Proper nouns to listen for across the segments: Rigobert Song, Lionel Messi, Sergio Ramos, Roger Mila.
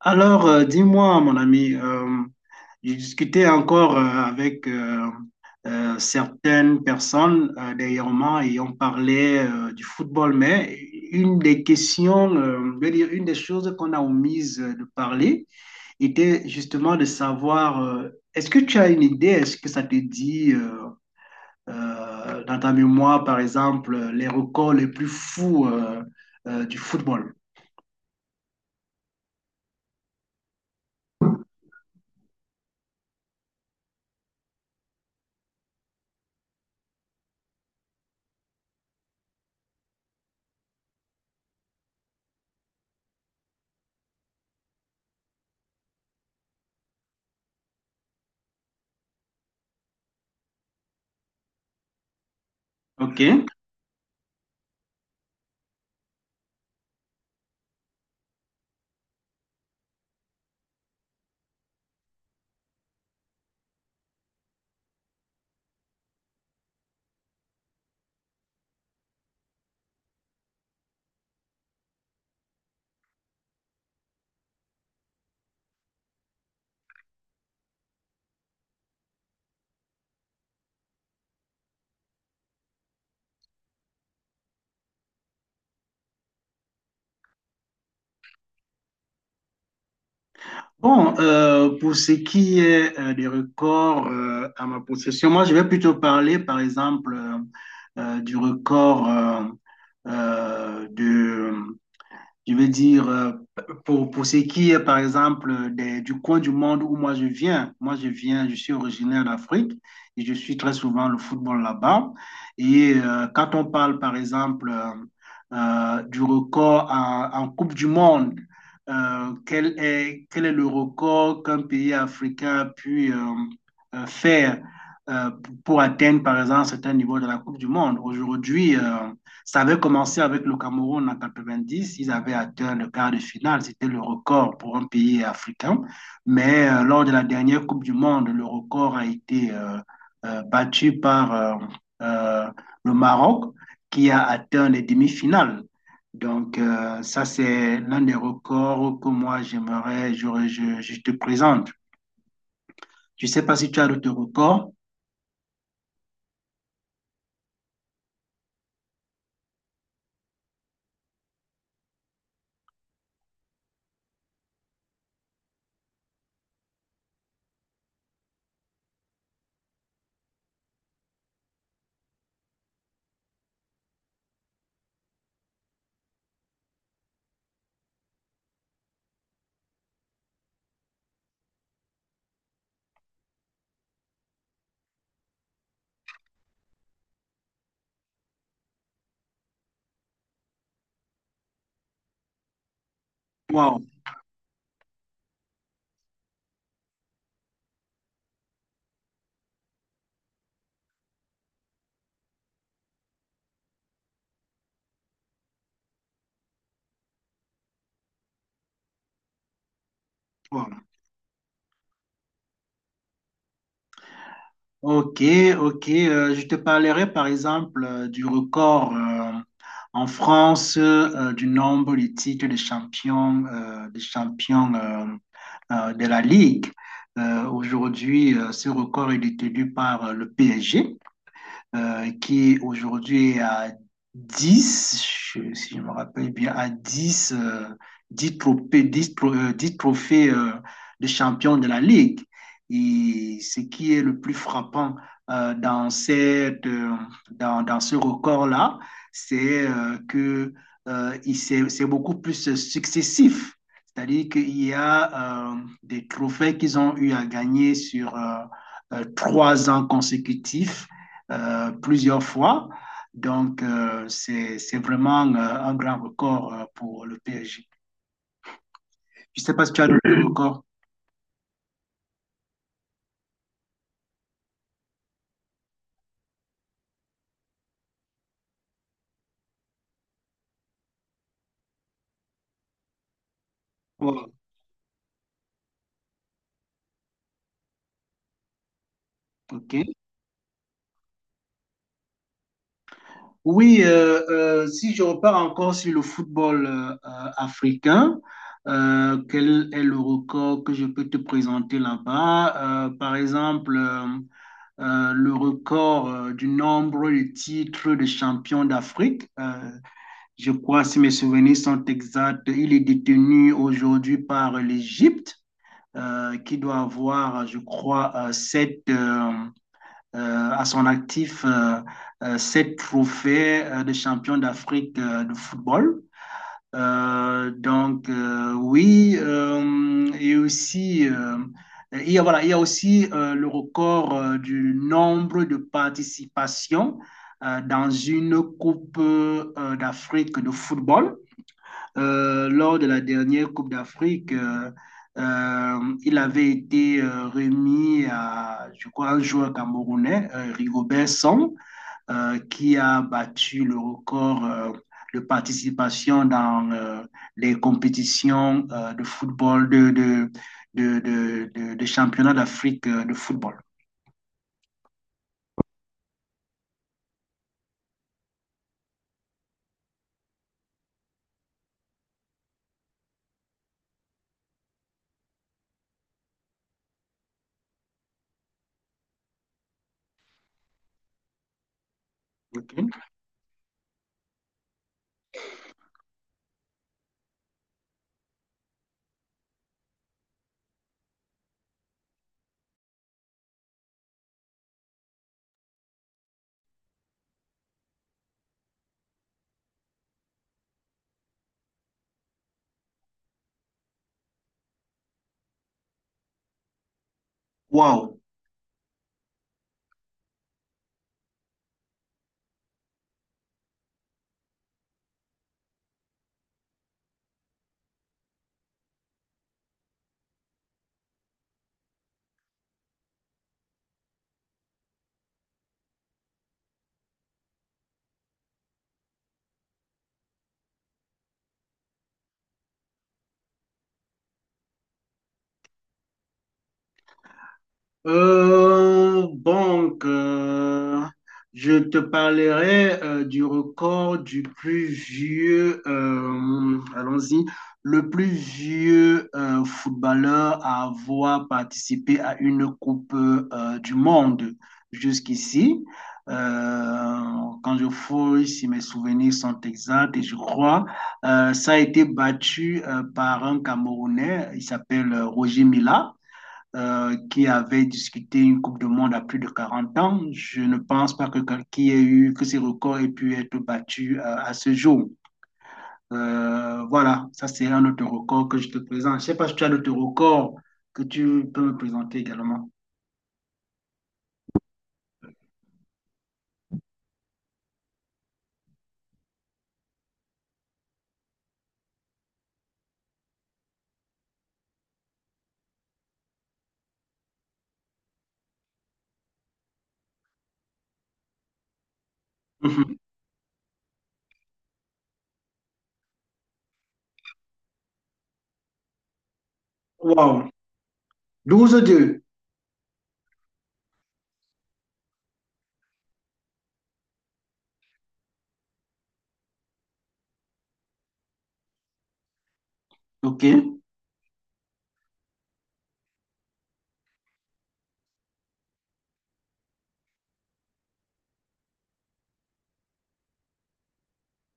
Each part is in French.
Alors, dis-moi, mon ami. J'ai discuté encore avec certaines personnes dernièrement, et on parlait du football. Mais une des questions, je veux dire, une des choses qu'on a omises de parler, était justement de savoir, est-ce que tu as une idée, est-ce que ça te dit dans ta mémoire, par exemple, les records les plus fous du football? OK? Bon, pour ce qui est des records à ma possession, moi, je vais plutôt parler, par exemple, du record, euh, je veux dire, pour ce qui est, par exemple, du coin du monde où moi je viens. Je suis originaire d'Afrique et je suis très souvent le football là-bas. Et quand on parle, par exemple, du record en Coupe du Monde, quel est le record qu'un pays africain a pu faire euh, pour atteindre, par exemple, certains niveaux de la Coupe du Monde? Aujourd'hui, ça avait commencé avec le Cameroun en 90. Ils avaient atteint le quart de finale. C'était le record pour un pays africain. Mais lors de la dernière Coupe du Monde, le record a été battu par euh, le Maroc, qui a atteint les demi-finales. Donc, ça, c'est l'un des records que moi, j'aimerais, je te présente. Je ne sais pas si tu as d'autres records. Wow, wow. Ok, ok. Je te parlerai par exemple du record en France du nombre de titres de champion, de la Ligue. Aujourd'hui, ce record est détenu par le PSG, qui aujourd'hui est aujourd'hui à dix, si je me rappelle bien, à dix, 10 trophées, 10 trophées de champion de la Ligue. Et ce qui est le plus frappant dans dans ce record-là, c'est c'est beaucoup plus successif. C'est-à-dire qu'il y a des trophées qu'ils ont eu à gagner sur 3 ans consécutifs, plusieurs fois. Donc, c'est vraiment un grand record pour le PSG. Je ne sais pas si tu as d'autres records. Ouais, ok. Oui, si je repars encore sur le football africain, quel est le record que je peux te présenter là-bas? Par exemple, le record du nombre de titres de champion d'Afrique. Je crois, si mes souvenirs sont exacts, il est détenu aujourd'hui par l'Égypte, qui doit avoir, je crois, sept, à son actif, sept trophées de champion d'Afrique, de football. Donc, oui, et aussi, voilà, il y a aussi le record du nombre de participations dans une Coupe d'Afrique de football. Lors de la dernière Coupe d'Afrique, il avait été remis à, je crois, un joueur camerounais, Rigobert Song, qui a battu le record de participation dans les compétitions de football, de championnat d'Afrique de football. Ok. Wow. Donc, je te parlerai du record allons-y, le plus vieux footballeur à avoir participé à une Coupe du Monde jusqu'ici. Euh, Quand je fouille, si mes souvenirs sont exacts, et je crois, ça a été battu par un Camerounais. Il s'appelle Roger Mila, qui avait discuté une Coupe du Monde à plus de 40 ans. Je ne pense pas que que ces records aient pu être battus à ce jour. Voilà, ça c'est un autre record que je te présente. Je ne sais pas si tu as d'autres records que tu peux me présenter également. Mhm. Wow, 12-2. OK,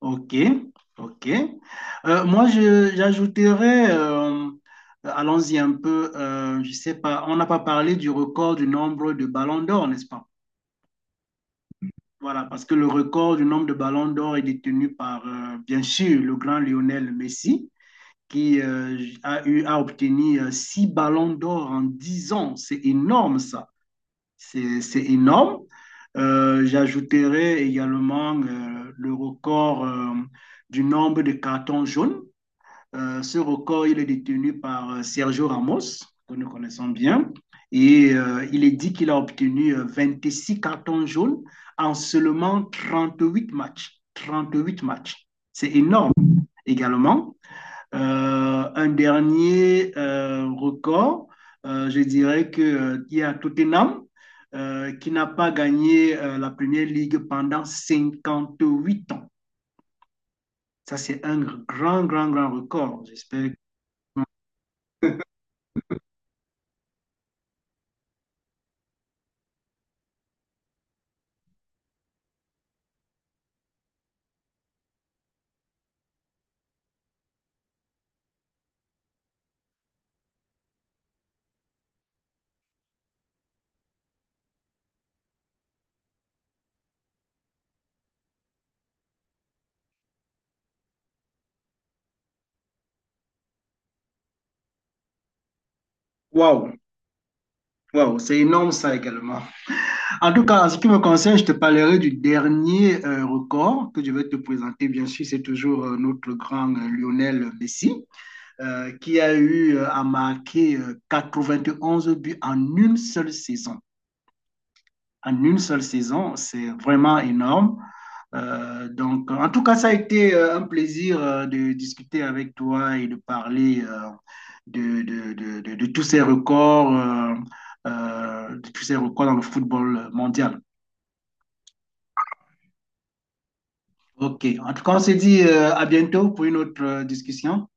OK, OK. Moi, j'ajouterais, allons-y un peu, je ne sais pas, on n'a pas parlé du record du nombre de ballons d'or, n'est-ce pas? Voilà, parce que le record du nombre de ballons d'or est détenu par, bien sûr, le grand Lionel Messi, qui a eu à obtenir six ballons d'or en 10 ans. C'est énorme, ça. C'est énorme. J'ajouterai également le record du nombre de cartons jaunes. Ce record, il est détenu par Sergio Ramos, que nous connaissons bien. Et il est dit qu'il a obtenu 26 cartons jaunes en seulement 38 matchs. 38 matchs. C'est énorme également. Un dernier record, je dirais que, il y a Tottenham qui n'a pas gagné la Première Ligue pendant 58 ans. Ça, c'est un grand, grand, grand record. J'espère. Que... Waouh! Waouh, c'est énorme ça également. En tout cas, en ce qui me concerne, je te parlerai du dernier record que je vais te présenter. Bien sûr, c'est toujours notre grand Lionel Messi, qui a eu à marquer 11 buts en une seule saison, en une seule saison. C'est vraiment énorme. Donc, en tout cas, ça a été un plaisir de discuter avec toi et de parler, de tous ces records, dans le football mondial. OK. En tout cas, on se dit à bientôt pour une autre discussion.